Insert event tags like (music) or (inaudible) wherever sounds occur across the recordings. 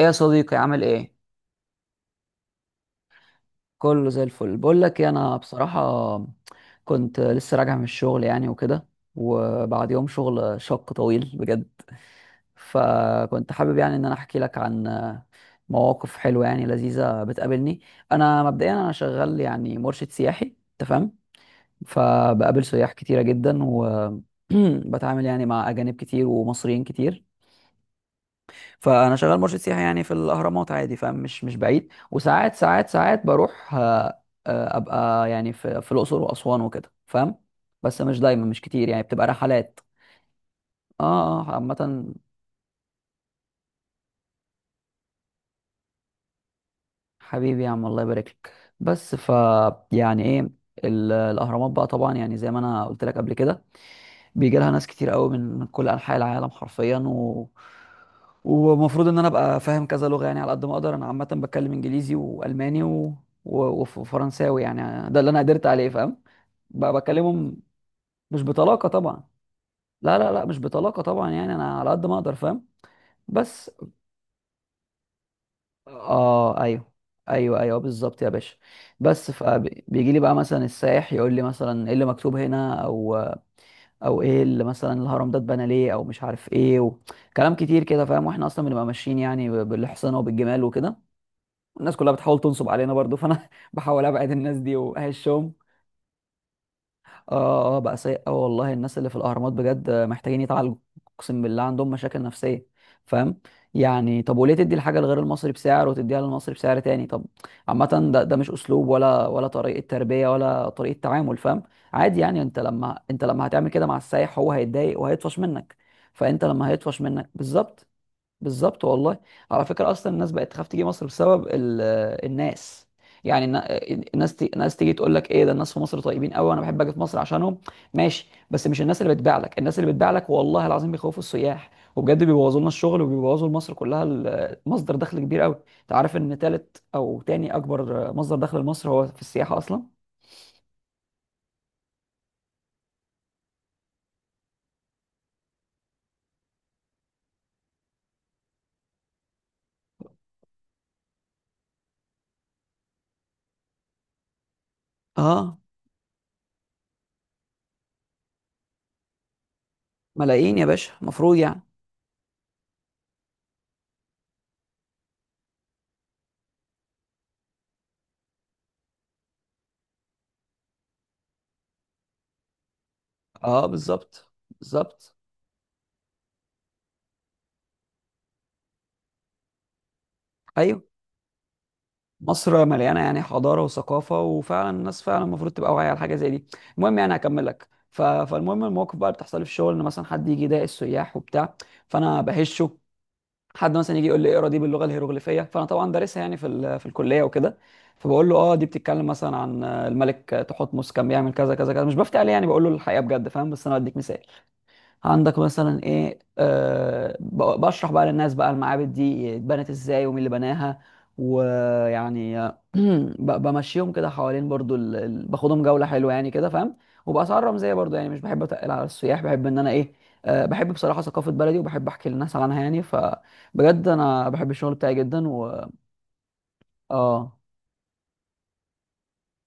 ايه يا صديقي، عامل ايه؟ كله زي الفل. بقول لك إيه، انا بصراحه كنت لسه راجع من الشغل يعني وكده، وبعد يوم شغل شق طويل بجد. فكنت حابب يعني ان انا احكي لك عن مواقف حلوه يعني لذيذه بتقابلني. انا مبدئيا انا شغال يعني مرشد سياحي، تمام؟ فبقابل سياح كتيره جدا وبتعامل (clears throat) يعني مع اجانب كتير ومصريين كتير. فانا شغال مرشد سياحي يعني في الاهرامات عادي، فمش مش بعيد، وساعات ساعات ساعات بروح ابقى يعني في الاقصر واسوان وكده، فاهم؟ بس مش دايما، مش كتير، يعني بتبقى رحلات. اه، اه، عامه. حبيبي يا عم، الله يبارك لك. بس يعني ايه، الاهرامات بقى، طبعا يعني زي ما انا قلت لك قبل كده، بيجي لها ناس كتير قوي من كل انحاء العالم حرفيا، ومفروض ان انا ابقى فاهم كذا لغه يعني على قد ما اقدر. انا عامه بتكلم انجليزي والماني وفرنساوي، يعني ده اللي انا قدرت عليه، فاهم؟ بقى بكلمهم مش بطلاقه طبعا. لا، لا، لا، مش بطلاقه طبعا، يعني انا على قد ما اقدر، فاهم؟ بس. اه، ايوه، ايوه، ايوه، بالظبط يا باشا. بس فبيجي لي بقى مثلا السائح يقول لي مثلا ايه اللي مكتوب هنا، او ايه اللي مثلا الهرم ده اتبنى ليه، او مش عارف ايه، كلام كتير كده، فاهم؟ واحنا اصلا بنبقى ماشيين يعني بالاحصنه وبالجمال وكده. الناس كلها بتحاول تنصب علينا برضو، فانا (laughs) بحاول ابعد الناس دي واهشهم. اه، اه، بقى سيء قوي والله. الناس اللي في الاهرامات بجد محتاجين يتعالجوا، اقسم بالله عندهم مشاكل نفسيه، فاهم؟ يعني طب وليه تدي الحاجه لغير المصري بسعر وتديها للمصري بسعر تاني؟ طب، عامه، ده مش اسلوب، ولا طريقه تربيه، ولا طريقه تعامل، فاهم؟ عادي يعني انت لما هتعمل كده مع السايح، هو هيتضايق وهيطفش منك. فانت لما هيطفش منك، بالظبط. بالظبط والله. على فكرة أصلا الناس بقت تخاف تيجي مصر بسبب الناس، يعني الناس تيجي تقول لك ايه ده، الناس في مصر طيبين قوي، انا بحب اجي في مصر عشانهم. ماشي، بس مش الناس اللي بتبيع لك، الناس اللي بتبيع لك والله العظيم بيخوفوا السياح، وبجد بيبوظوا لنا الشغل وبيبوظوا لمصر كلها، مصدر دخل كبير قوي. انت عارف ان تالت او تاني اكبر مصدر دخل لمصر هو في السياحة اصلا. اه، ملايين يا باشا مفروض، يعني. اه، بالظبط، بالظبط. ايوه، مصر مليانه يعني حضاره وثقافه، وفعلا الناس فعلا المفروض تبقى واعيه على حاجه زي دي. المهم يعني هكمل لك فالمهم المواقف بقى اللي بتحصل لي في الشغل، ان مثلا حد يجي يضايق السياح وبتاع، فانا بهشه. حد مثلا يجي يقول لي اقرا دي باللغه الهيروغليفيه، فانا طبعا دارسها يعني في الكليه وكده، فبقول له اه دي بتتكلم مثلا عن الملك تحتمس، كان بيعمل كذا كذا كذا. مش بفتي عليه يعني، بقول له الحقيقه بجد، فاهم؟ بس انا بديك مثال، عندك مثلا ايه، بشرح بقى للناس بقى المعابد دي اتبنت ازاي ومين اللي بناها. ويعني (clears throat) بمشيهم كده حوالين برضو باخدهم جولة حلوة يعني كده، فاهم؟ وبأسعار رمزية برضو، يعني مش بحب اتقل على السياح، بحب ان انا ايه، أه بحب بصراحة ثقافة بلدي، وبحب احكي للناس عنها يعني، فبجد انا بحب الشغل بتاعي جدا و... اه،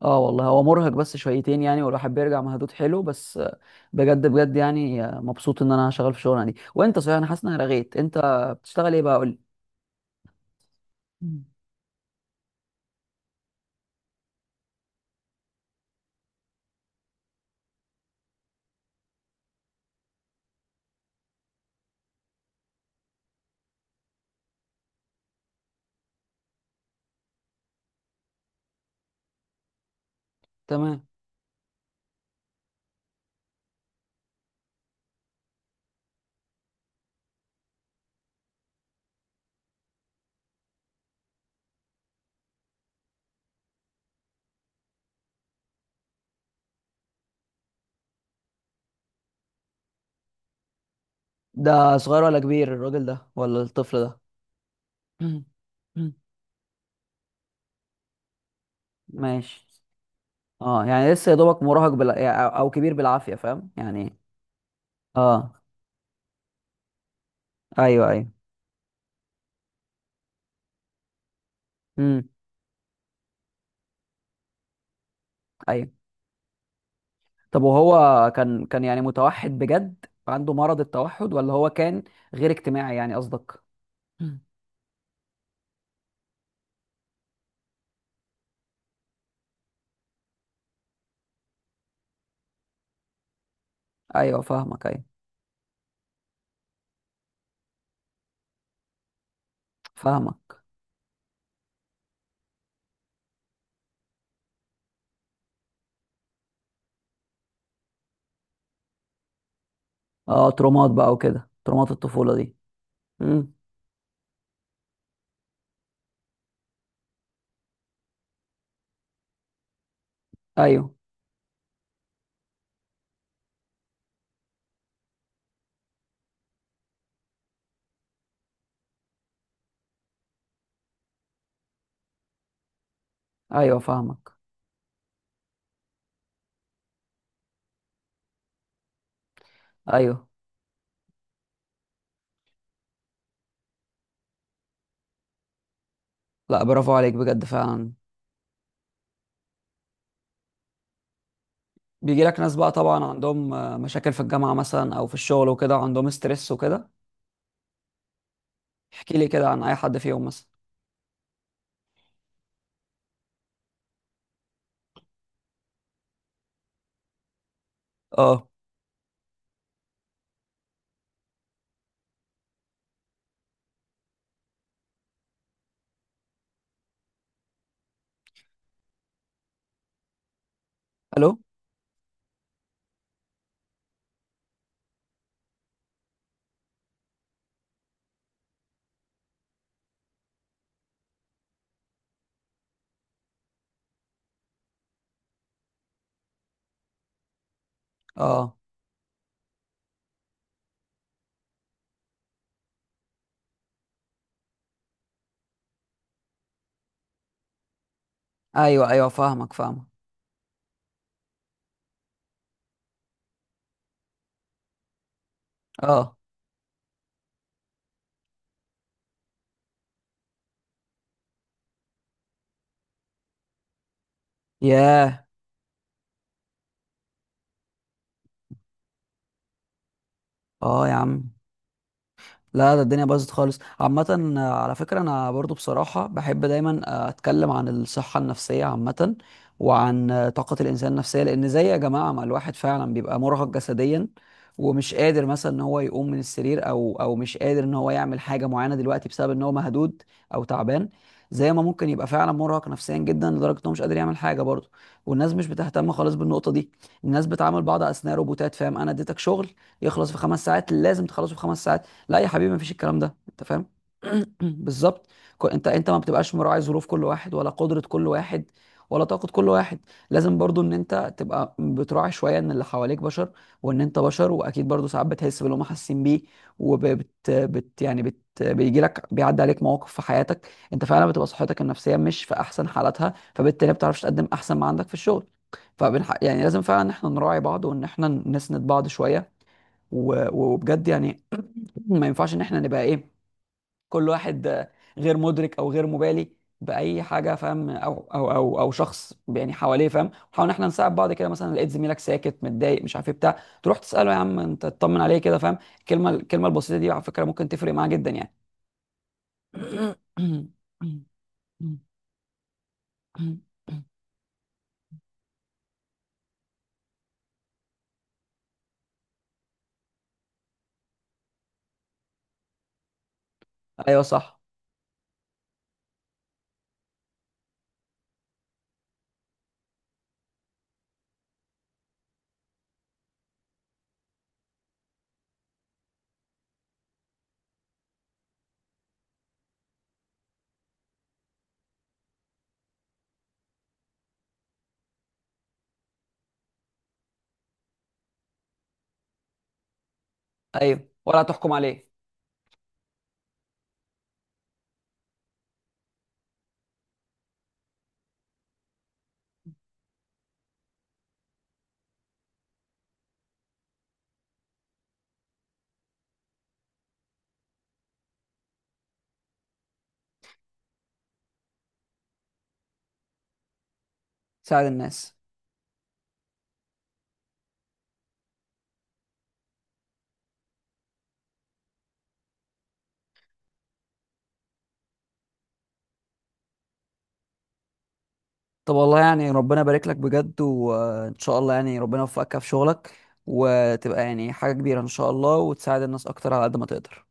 اه والله هو مرهق بس شويتين يعني، والواحد بيرجع مهدود حلو، بس بجد بجد يعني مبسوط ان انا شغال في شغلنا دي. وانت صحيح، انا حاسس ان انا رغيت. انت بتشتغل ايه بقى؟ قول لي. مم. تمام. ده صغير ولا كبير الراجل ده، ولا الطفل ده؟ مم. مم. ماشي. اه، يعني لسه يا دوبك مراهق، يعني او كبير بالعافيه، فاهم يعني؟ اه، ايوه، ايوه. امم. ايوه. طب وهو كان يعني متوحد بجد، عنده مرض التوحد، ولا هو كان غير اجتماعي يعني، قصدك؟ ايوه فاهمك، ايوه فاهمك. اه، ترومات بقى وكده، ترومات الطفولة دي. امم. ايوه، ايوه فاهمك، ايوه. لا، برافو عليك بجد فعلا. بيجي لك ناس بقى طبعا عندهم مشاكل في الجامعة مثلا، او في الشغل وكده، عندهم ستريس وكده. احكي لي كده عن اي حد فيهم مثلا. اه. الو؟ اه، ايوه، ايوه فاهمك، فاهمك. اه. ياه. اه يا عم، لا ده الدنيا باظت خالص. عامة على فكرة أنا برضو بصراحة بحب دايما أتكلم عن الصحة النفسية عامة، وعن طاقة الإنسان النفسية. لأن زي يا جماعة ما الواحد فعلا بيبقى مرهق جسديا، ومش قادر مثلا إن هو يقوم من السرير، أو مش قادر إن هو يعمل حاجة معينة دلوقتي بسبب إن هو مهدود أو تعبان. زي ما ممكن يبقى فعلا مرهق نفسيا جدا لدرجة إن هو مش قادر يعمل حاجة برضه. والناس مش بتهتم خالص بالنقطة دي. الناس بتعامل بعض أثناء روبوتات، فاهم؟ أنا اديتك شغل يخلص في 5 ساعات، لازم تخلصه في 5 ساعات؟ لا يا حبيبي، مفيش الكلام ده، انت فاهم؟ (coughs) (clears throat) بالظبط. انت ما بتبقاش مراعي ظروف كل واحد، ولا قدرة كل واحد، ولا طاقة كل واحد. لازم برضو ان انت تبقى بتراعي شوية ان اللي حواليك بشر، وان انت بشر، واكيد برضو ساعات بتحس باللي هم حاسين بيه. وبت بت يعني بيجي لك، بيعدي عليك مواقف في حياتك انت فعلا بتبقى صحتك النفسية مش في احسن حالاتها، فبالتالي ما بتعرفش تقدم احسن ما عندك في الشغل. يعني لازم فعلا ان احنا نراعي بعض، وان احنا نسند بعض شوية. وبجد يعني (clears throat) ما ينفعش ان احنا نبقى ايه، كل واحد غير مدرك او غير مبالي باي حاجه، فاهم؟ او شخص يعني حواليه، فاهم؟ نحاول ان احنا نساعد بعض. كده مثلا لقيت زميلك ساكت متضايق مش عارف ايه بتاع، تروح تساله يا عم انت، تطمن عليه كده، فاهم؟ الكلمه البسيطه دي على فكره ممكن تفرق معاه جدا، يعني. (coughs) ايوه صح. ايوه، ولا تحكم عليه. ساعد الناس. طب والله يعني ربنا يبارك لك بجد، وان شاء الله يعني ربنا يوفقك في شغلك، وتبقى يعني حاجة كبيرة ان شاء الله، وتساعد الناس اكتر على قد ما تقدر.